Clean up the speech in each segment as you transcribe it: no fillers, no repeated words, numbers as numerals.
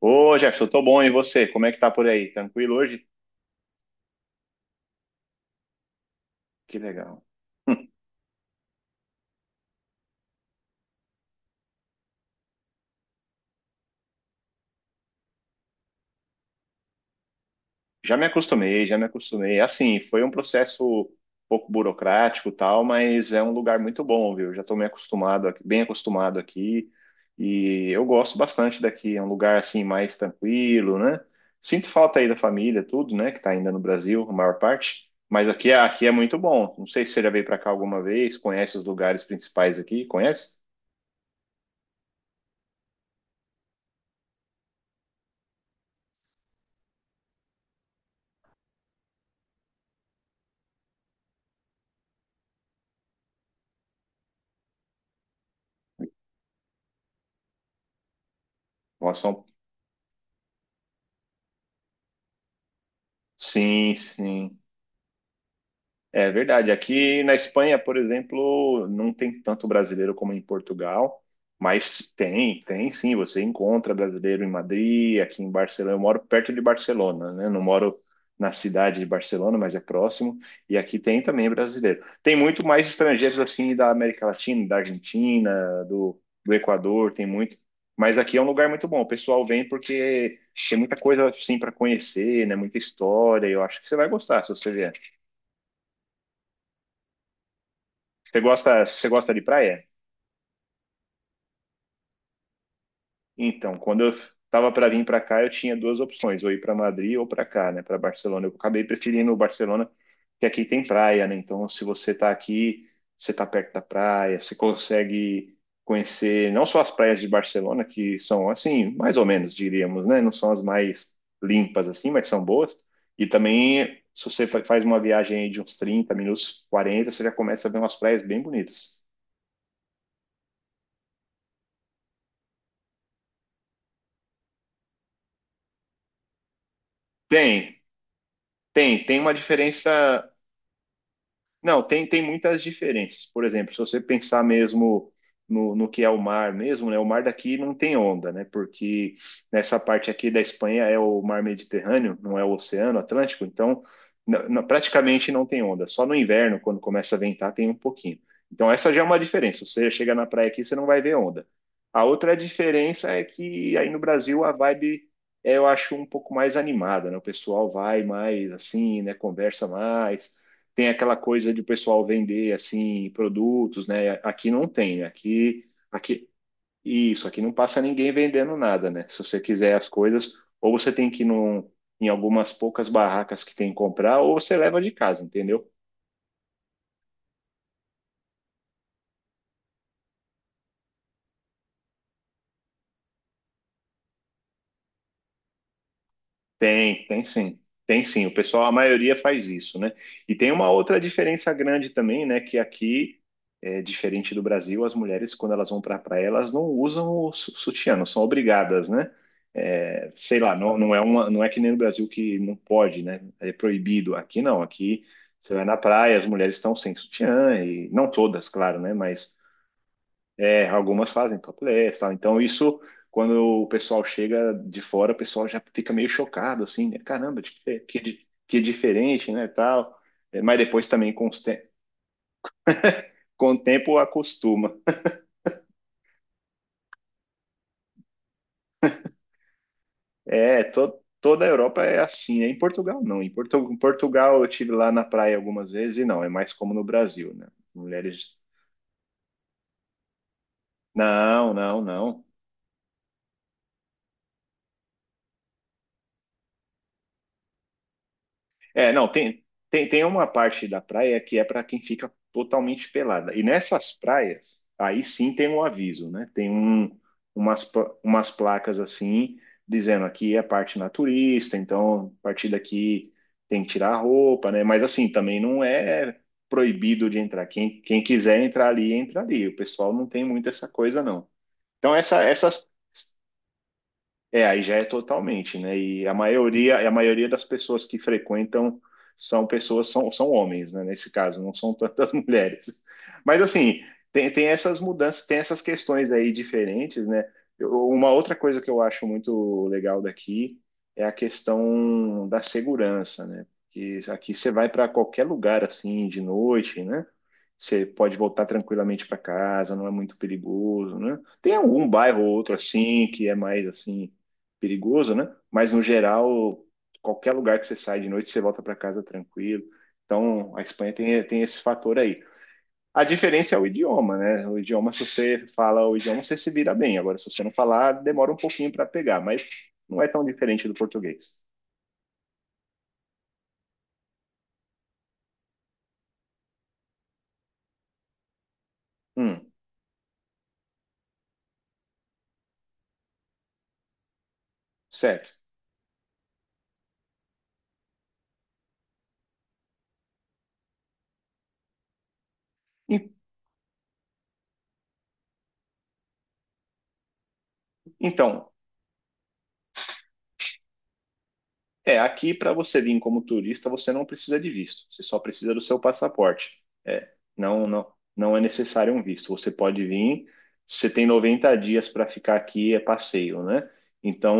Ô, Jefferson, tô bom, e você? Como é que tá por aí? Tranquilo hoje? Que legal. Hum, Já me acostumei, já me acostumei. Assim, foi um processo um pouco burocrático, e tal, mas é um lugar muito bom, viu? Já tô me acostumado aqui, bem acostumado aqui, e eu gosto bastante daqui. É um lugar assim mais tranquilo, né? Sinto falta aí da família, tudo, né? Que tá ainda no Brasil, a maior parte. Mas aqui, aqui é muito bom. Não sei se você já veio pra cá alguma vez, conhece os lugares principais aqui, conhece? Nossa, são... Sim, sim. É verdade. Aqui na Espanha, por exemplo, não tem tanto brasileiro como em Portugal, mas tem, tem sim. Você encontra brasileiro em Madrid, aqui em Barcelona. Eu moro perto de Barcelona, né? Não moro na cidade de Barcelona, mas é próximo. E aqui tem também brasileiro. Tem muito mais estrangeiros assim da América Latina, da Argentina, do, do Equador, tem muito. Mas aqui é um lugar muito bom. O pessoal vem porque tem muita coisa assim para conhecer, né? Muita história. Eu acho que você vai gostar se você vier. Você gosta de praia? Então, quando eu estava para vir para cá, eu tinha duas opções, ou ir para Madrid ou para cá, né, para Barcelona. Eu acabei preferindo o Barcelona, que aqui tem praia, né? Então, se você está aqui, você está perto da praia, você consegue conhecer não só as praias de Barcelona, que são assim, mais ou menos, diríamos, né? Não são as mais limpas assim, mas são boas. E também, se você faz uma viagem aí de uns 30, minutos, 40, você já começa a ver umas praias bem bonitas. Tem. Tem, tem uma diferença não, tem, tem muitas diferenças. Por exemplo, se você pensar mesmo no, no que é o mar mesmo, né? O mar daqui não tem onda, né? Porque nessa parte aqui da Espanha é o mar Mediterrâneo, não é o Oceano Atlântico, então praticamente não tem onda. Só no inverno, quando começa a ventar, tem um pouquinho. Então essa já é uma diferença. Você chega na praia aqui, você não vai ver onda. A outra diferença é que aí no Brasil a vibe é, eu acho, um pouco mais animada, né? O pessoal vai mais assim, né? Conversa mais tem aquela coisa de o pessoal vender assim produtos, né? Aqui não tem, né? aqui isso, aqui não passa ninguém vendendo nada, né? Se você quiser as coisas, ou você tem que ir num, em algumas poucas barracas que tem que comprar, ou você leva de casa, entendeu? Tem, tem sim. Tem sim. O pessoal, a maioria faz isso, né? E tem uma outra diferença grande também, né? Que aqui, é diferente do Brasil, as mulheres, quando elas vão para a praia, elas não usam o sutiã, não são obrigadas, né? É, sei lá, não, não é uma, não é que nem no Brasil que não pode, né? É proibido. Aqui não, aqui você vai na praia, as mulheres estão sem sutiã, e não todas, claro, né? Mas é, algumas fazem topless, tal. Então isso, quando o pessoal chega de fora, o pessoal já fica meio chocado, assim, né? Caramba, que, que diferente, né, tal. É, mas depois também com, com o tempo acostuma. É, toda a Europa é assim, né? Em Portugal não. Em Portugal eu tive lá na praia algumas vezes e não, é mais como no Brasil, né? Mulheres... Não, não, não. É, não, tem, tem, tem uma parte da praia que é para quem fica totalmente pelada. E nessas praias, aí sim tem um aviso, né? Tem um, umas, umas placas assim, dizendo aqui é parte naturista, então a partir daqui tem que tirar a roupa, né? Mas assim, também não é proibido de entrar. Quem, quem quiser entrar ali, entra ali. O pessoal não tem muito essa coisa, não. Então, essa, essas. É, aí já é totalmente, né? E a maioria das pessoas que frequentam são pessoas, são, são homens, né? Nesse caso, não são tantas mulheres. Mas assim, tem, tem essas mudanças, tem essas questões aí diferentes, né? Uma outra coisa que eu acho muito legal daqui é a questão da segurança, né? Porque aqui você vai para qualquer lugar assim de noite, né? Você pode voltar tranquilamente para casa, não é muito perigoso, né? Tem algum bairro ou outro assim que é mais assim perigoso, né? Mas no geral, qualquer lugar que você sai de noite, você volta para casa tranquilo. Então, a Espanha tem, tem esse fator aí. A diferença é o idioma, né? O idioma, se você fala o idioma, você se vira bem. Agora, se você não falar, demora um pouquinho para pegar, mas não é tão diferente do português. Hum, certo. En- Então, é, aqui para você vir como turista, você não precisa de visto, você só precisa do seu passaporte. É, não, não, não é necessário um visto. Você pode vir, você tem 90 dias para ficar aqui, é passeio, né? Então,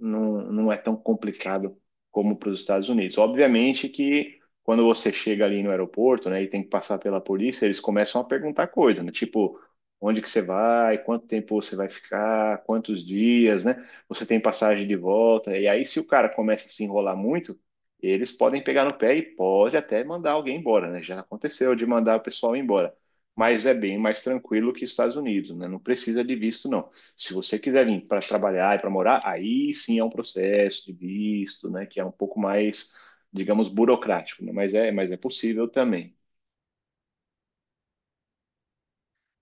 não, não é tão complicado como para os Estados Unidos. Obviamente que quando você chega ali no aeroporto, né, e tem que passar pela polícia, eles começam a perguntar coisa, né? Tipo, onde que você vai, quanto tempo você vai ficar, quantos dias, né? Você tem passagem de volta. E aí, se o cara começa a se enrolar muito, eles podem pegar no pé e pode até mandar alguém embora, né? Já aconteceu de mandar o pessoal embora. Mas é bem mais tranquilo que os Estados Unidos, né? Não precisa de visto, não. Se você quiser vir para trabalhar e para morar, aí sim é um processo de visto, né? Que é um pouco mais, digamos, burocrático, né? Mas é possível também.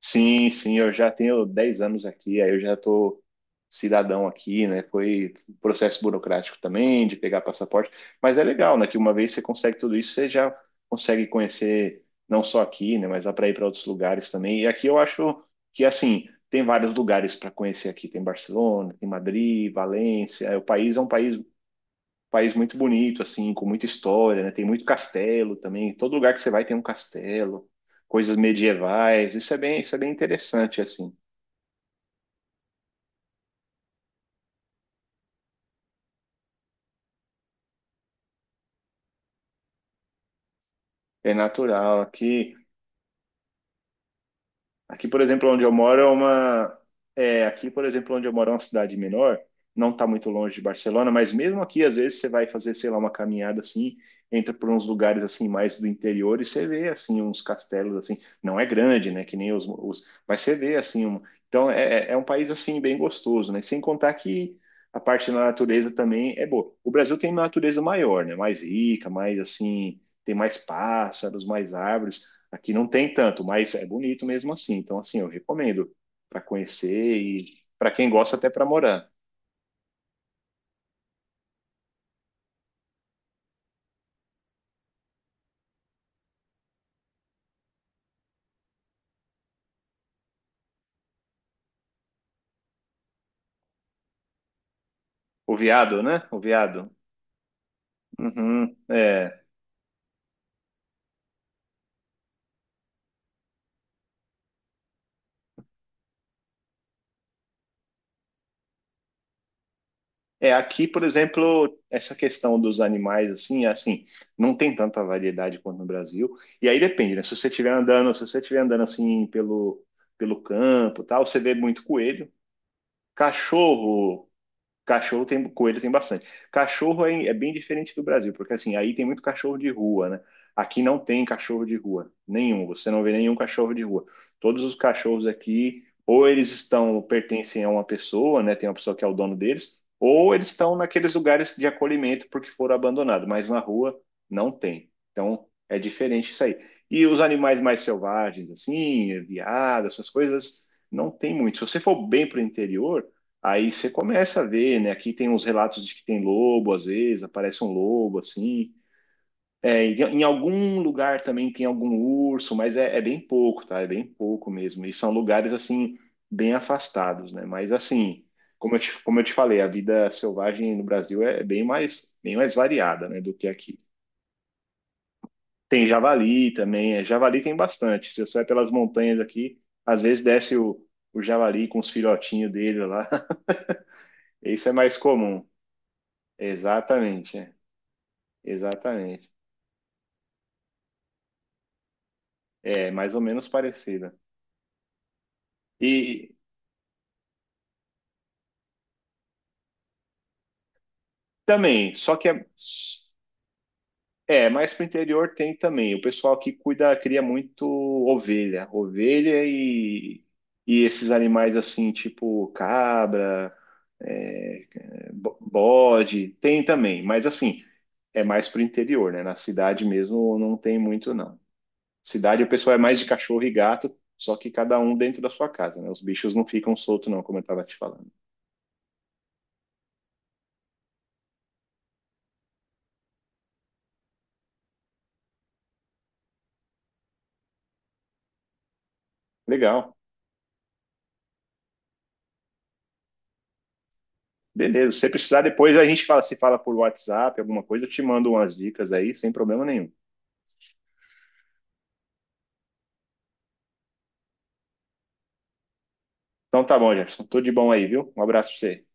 Sim, sim, eu já tenho 10 anos aqui, aí eu já estou cidadão aqui, né? Foi processo burocrático também de pegar passaporte, mas é legal, né? Que uma vez você consegue tudo isso, você já consegue conhecer não só aqui, né? Mas dá para ir para outros lugares também. E aqui eu acho que assim tem vários lugares para conhecer aqui. Tem Barcelona, tem Madrid, Valência. O país é um país muito bonito, assim, com muita história, né? Tem muito castelo também. Todo lugar que você vai tem um castelo, coisas medievais. Isso é bem interessante, assim. É natural aqui. Aqui, por exemplo, onde eu moro é uma. É, aqui, por exemplo, onde eu moro é uma cidade menor, não está muito longe de Barcelona, mas mesmo aqui, às vezes, você vai fazer, sei lá, uma caminhada assim, entra por uns lugares assim, mais do interior, e você vê, assim, uns castelos, assim, não é grande, né, que nem os. Os mas você vê, assim, um, então é, é um país, assim, bem gostoso, né? Sem contar que a parte da natureza também é boa. O Brasil tem uma natureza maior, né? Mais rica, mais, assim, tem mais pássaros, mais árvores. Aqui não tem tanto, mas é bonito mesmo assim. Então, assim, eu recomendo para conhecer e para quem gosta até para morar. O veado, né? O veado. Uhum, é. É, aqui, por exemplo, essa questão dos animais, assim, é assim, não tem tanta variedade quanto no Brasil. E aí depende, né? Se você estiver andando, se você estiver andando assim pelo, pelo campo, e tal, você vê muito coelho. Cachorro, cachorro tem, coelho tem bastante. Cachorro é, é bem diferente do Brasil, porque assim, aí tem muito cachorro de rua, né? Aqui não tem cachorro de rua, nenhum. Você não vê nenhum cachorro de rua. Todos os cachorros aqui, ou eles estão, pertencem a uma pessoa, né? Tem uma pessoa que é o dono deles, ou eles estão naqueles lugares de acolhimento porque foram abandonados, mas na rua não tem. Então é diferente isso aí. E os animais mais selvagens, assim, veado, essas coisas, não tem muito. Se você for bem para o interior aí você começa a ver, né? Aqui tem uns relatos de que tem lobo, às vezes, aparece um lobo assim. É, em algum lugar também tem algum urso, mas é, é bem pouco, tá? É bem pouco mesmo. E são lugares assim, bem afastados, né? Mas assim, como eu te falei, a vida selvagem no Brasil é bem mais variada, né, do que aqui. Tem javali também, é, javali tem bastante. Se você vai pelas montanhas aqui, às vezes desce o javali com os filhotinhos dele lá. Isso é mais comum. Exatamente, é. Exatamente. É mais ou menos parecida. E também, só que é, é mais para o interior tem também. O pessoal que cuida, cria muito ovelha, ovelha e esses animais assim, tipo cabra, é, bode, tem também. Mas assim, é mais para o interior, né? Na cidade mesmo não tem muito, não. Cidade o pessoal é mais de cachorro e gato, só que cada um dentro da sua casa, né? Os bichos não ficam soltos, não, como eu estava te falando. Legal. Beleza. Se você precisar, depois a gente fala, se fala por WhatsApp, alguma coisa, eu te mando umas dicas aí, sem problema nenhum. Então tá bom, Jefferson. Tudo de bom aí, viu? Um abraço pra você.